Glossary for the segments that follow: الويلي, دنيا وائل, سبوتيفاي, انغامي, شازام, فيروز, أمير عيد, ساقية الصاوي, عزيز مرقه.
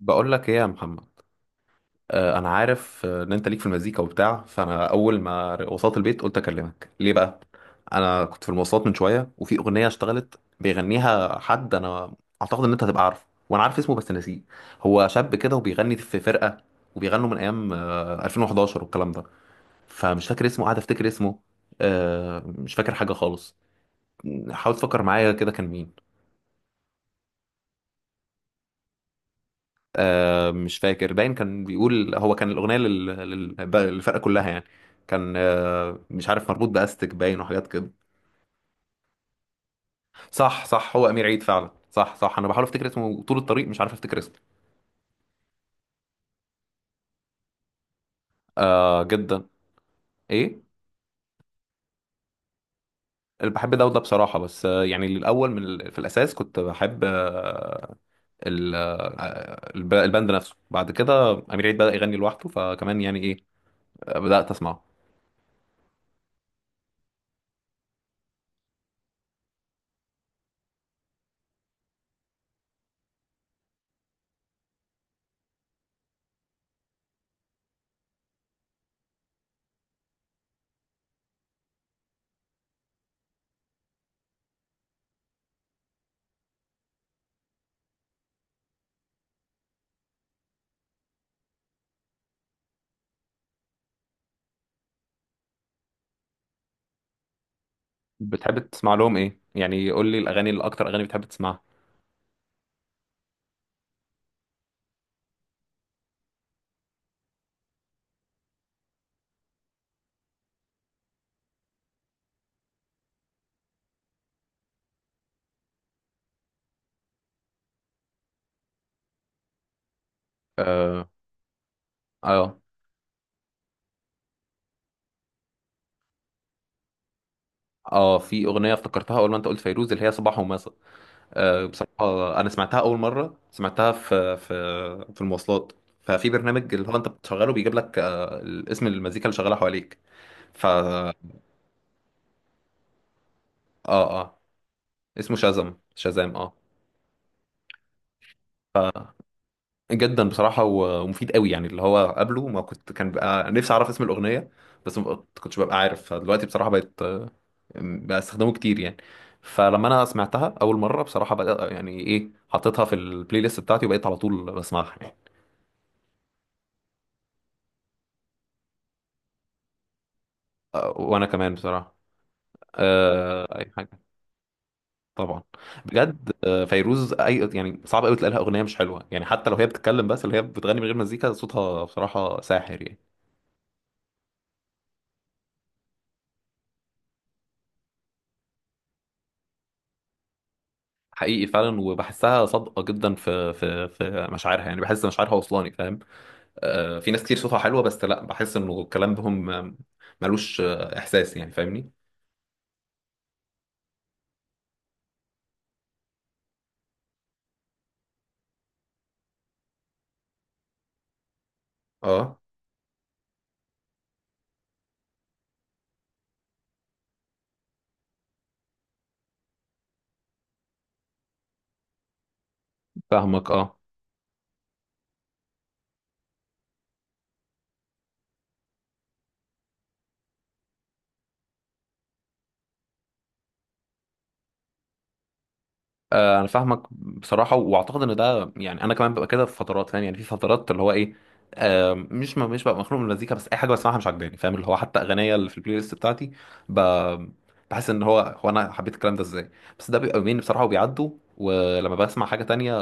بقول لك ايه يا محمد. انا عارف ان انت ليك في المزيكا وبتاع، فانا اول ما وصلت البيت قلت اكلمك ليه بقى. انا كنت في المواصلات من شويه وفي اغنيه اشتغلت بيغنيها حد، انا اعتقد ان انت هتبقى عارفه وانا عارف اسمه بس نسيه. هو شاب كده وبيغني في فرقه، وبيغنوا من ايام 2011 والكلام ده. فمش فاكر اسمه، قاعد افتكر اسمه. آه، مش فاكر حاجه خالص. حاول تفكر معايا كده كان مين. مش فاكر، باين كان بيقول، هو كان الأغنية للفرقة كلها يعني. كان مش عارف، مربوط بأستك باين وحاجات كده. صح صح، هو أمير عيد فعلا. صح صح، أنا بحاول أفتكر اسمه طول الطريق، مش عارف أفتكر اسمه. آه، جدا. إيه؟ اللي بحب ده وده بصراحة، بس يعني الأول، في الأساس كنت بحب الباند نفسه، بعد كده أمير عيد بدأ يغني لوحده، فكمان يعني إيه، بدأت أسمعه. بتحب تسمع لهم إيه يعني؟ قول لي الأغاني الأكتر، أغاني بتحب تسمعها. آه، اه، اه. في اغنيه افتكرتها اول ما انت قلت فيروز، اللي هي صباح ومساء. آه، بصراحه انا سمعتها، اول مره سمعتها في في المواصلات. ففي برنامج اللي هو انت بتشغله بيجيب لك اسم المزيكا اللي شغاله حواليك. ف اه، اسمه شازم، شازام. اه، جدا بصراحة، و- ومفيد قوي يعني. اللي هو قبله ما كنت، كان بقى نفسي أعرف اسم الأغنية بس ما كنتش ببقى عارف، فدلوقتي بصراحة بقت بقى استخدمه كتير يعني. فلما أنا سمعتها أول مرة بصراحة بقى، يعني إيه، حطيتها في البلاي ليست بتاعتي وبقيت على طول بسمعها يعني. آه، وأنا كمان بصراحة. آه، أي حاجة. طبعا. بجد فيروز، أي يعني، صعب قوي تلاقي لها أغنية مش حلوة يعني. حتى لو هي بتتكلم بس، اللي هي بتغني من غير مزيكا، صوتها بصراحة ساحر يعني. حقيقي فعلا، وبحسها صادقه جدا في في مشاعرها يعني، بحس مشاعرها وصلاني، فاهم؟ آه، في ناس كتير صوتها حلوه بس لا، بحس انه الكلام بهم ملوش احساس يعني، فاهمني؟ اه. فاهمك، اه. آه، انا فاهمك بصراحه، واعتقد ان ده، يعني انا كمان ببقى كده في فترات، فاهم يعني، في فترات اللي هو ايه، مش، ما مش ببقى مخنوق من المزيكا بس اي حاجه بسمعها مش عاجباني، فاهم؟ اللي هو حتى اغنيه اللي في البلاي ليست بتاعتي، ب- بحس ان هو، هو انا حبيت الكلام ده ازاي. بس ده بيبقى يومين بصراحه وبيعدوا، ولما بسمع حاجه تانية،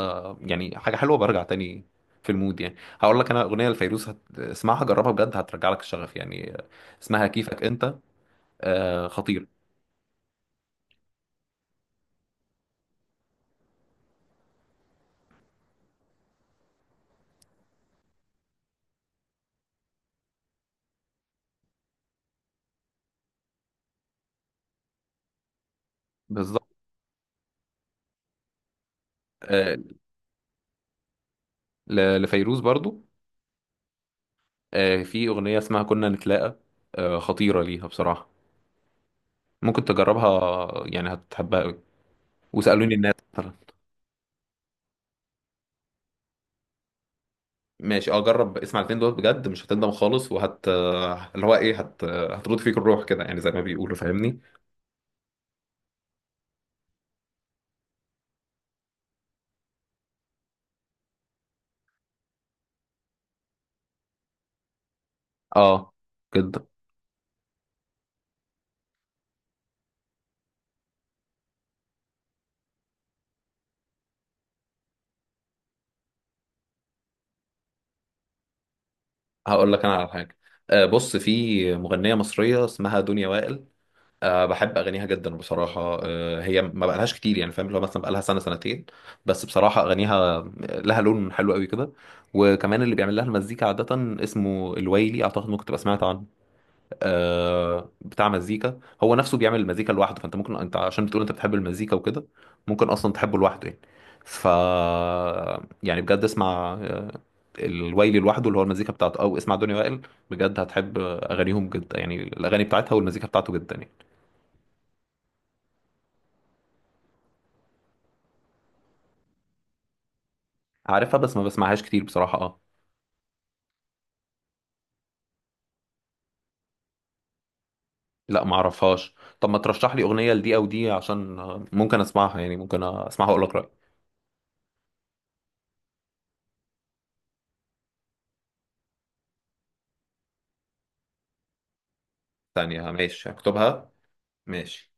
يعني حاجه حلوه، برجع تاني في المود يعني. هقول لك انا اغنيه لفيروز اسمعها، جربها بجد، هترجع لك الشغف يعني. آه، اسمها كيفك انت. آه، خطير. بالظبط. آه، لفيروز برضو. آه، في أغنية اسمها كنا نتلاقى. آه، خطيرة ليها بصراحة. ممكن تجربها يعني، هتحبها قوي. وسألوني الناس مثلا. ماشي، اه جرب اسمع الاتنين دول بجد، مش هتندم خالص، وهت اللي هو ايه، هت هترد فيك الروح كده يعني، زي ما بيقولوا، فاهمني؟ اه، جدا. هقول لك انا على حاجة. آه، بص، في مغنية مصرية اسمها دنيا وائل. أه بحب اغانيها جدا بصراحه. أه هي ما بقالهاش كتير يعني، فاهم؟ اللي هو مثلا بقالها سنه، سنتين. بس بصراحه اغانيها لها لون حلو قوي كده. وكمان اللي بيعمل لها المزيكا عاده اسمه الويلي، اعتقد ممكن تبقى سمعت عنه. أه، بتاع مزيكا، هو نفسه بيعمل المزيكا لوحده. فانت ممكن انت، عشان بتقول انت بتحب المزيكا وكده، ممكن اصلا تحبه لوحده يعني. ف، يعني بجد اسمع الويلي لوحده، اللي هو المزيكا بتاعته، او اسمع دنيا وائل. بجد هتحب اغانيهم جدا يعني، الاغاني بتاعتها والمزيكا بتاعته جدا يعني. عارفها بس ما بسمعهاش كتير بصراحة، اه. لا ما اعرفهاش. طب ما ترشح لي اغنية لدي او دي، عشان ممكن اسمعها يعني، ممكن اسمعها واقول لك رأيي. ثانية، ماشي اكتبها. ماشي.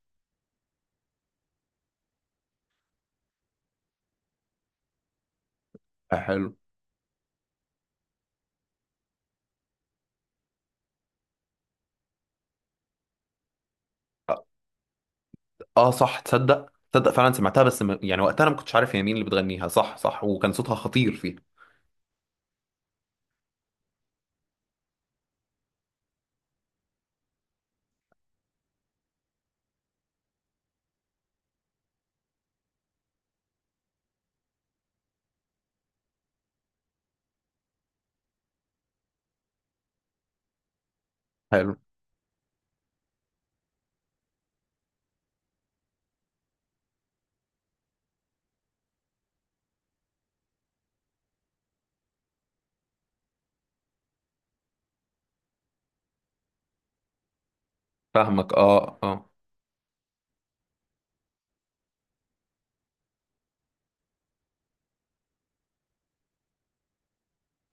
آه، حلو، اه. آه، صح. تصدق، تصدق فعلا سمعتها، بس م... يعني وقتها انا ما كنتش عارف هي مين اللي بتغنيها. صح صح، وكان صوتها خطير فيها. حلو. فاهمك، اه اه.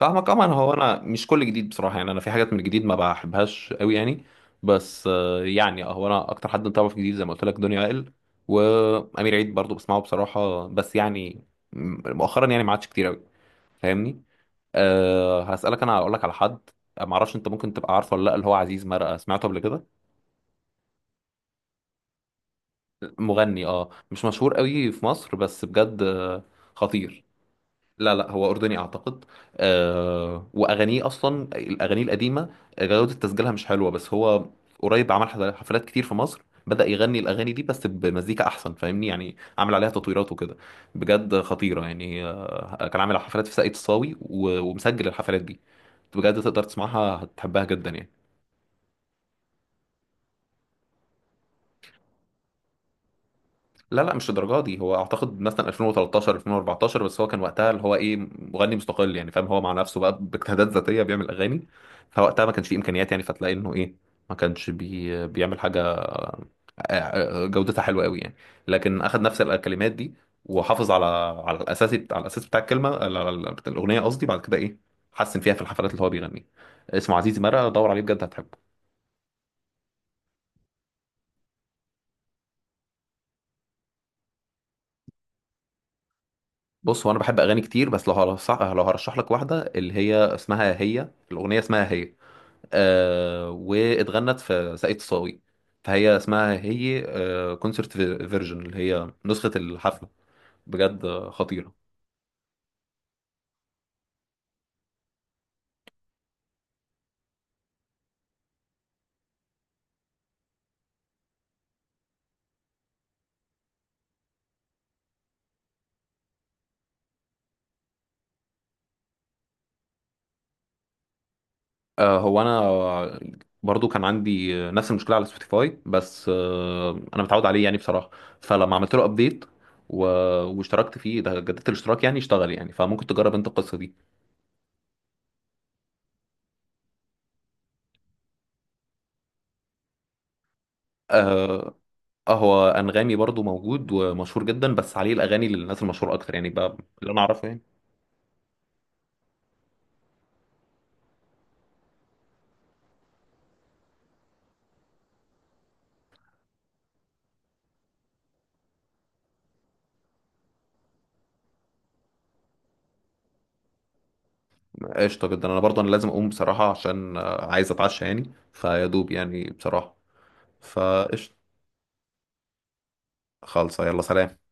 فاهمك طبعا. هو انا مش كل جديد بصراحه يعني، انا في حاجات من الجديد ما بحبهاش قوي يعني. بس يعني هو انا اكتر حد متابعه في الجديد، زي ما قلت لك، دنيا عقل. وامير عيد برضو بسمعه بصراحه، بس يعني مؤخرا يعني ما عادش كتير قوي، فاهمني؟ أه، هسالك، انا هقول لك على حد ما اعرفش انت ممكن تبقى عارفه ولا لا، اللي هو عزيز مرقه، سمعته قبل كده؟ مغني، اه، مش مشهور قوي في مصر بس بجد، آه، خطير. لا لا، هو أردني أعتقد. آه، وأغانيه أصلا، الأغاني القديمة جودة تسجيلها مش حلوة، بس هو قريب عمل حفلات كتير في مصر، بدأ يغني الأغاني دي بس بمزيكا أحسن، فاهمني؟ يعني عامل عليها تطويرات وكده، بجد خطيرة يعني. آه، كان عامل حفلات في ساقية الصاوي، و- ومسجل الحفلات دي، بجد تقدر تسمعها هتحبها جدا يعني. لا لا، مش الدرجه دي، هو اعتقد مثلا 2013، 2014، بس هو كان وقتها اللي هو ايه، مغني مستقل يعني، فاهم؟ هو مع نفسه بقى باجتهادات ذاتيه بيعمل اغاني. فوقتها ما كانش فيه امكانيات يعني، فتلاقي انه ايه، ما كانش بيعمل حاجه آه، جودتها حلوه قوي يعني. لكن اخد نفس الكلمات دي، وحافظ على على الاساس بتاع الكلمه، على بتاع الاغنيه قصدي، بعد كده ايه حسن فيها في الحفلات اللي هو بيغنيها. اسمه عزيزي مرقه، دور عليه بجد هتحبه. بص هو انا بحب اغاني كتير، بس لو هرشح، لو هرشح لك واحده، اللي هي اسمها، هي الاغنيه اسمها هي، آه، واتغنت في ساقية الصاوي، فهي اسمها هي كونسرت فيرجن، اللي هي نسخه الحفله، بجد خطيره. آه، هو انا برضو كان عندي نفس المشكله على سبوتيفاي بس، آه، انا متعود عليه يعني بصراحه. فلما عملت له ابديت و... واشتركت فيه، ده جددت الاشتراك يعني، اشتغل يعني. فممكن تجرب انت القصه دي. آه، اه، هو انغامي برضو موجود ومشهور جدا، بس عليه الاغاني للناس المشهوره اكتر يعني بقى، اللي انا اعرفه يعني. قشطه جدا، انا برضو انا لازم اقوم بصراحه، عشان عايز اتعشى يعني، فيا دوب يعني بصراحه، فقشطه خالصه. يلا، سلام.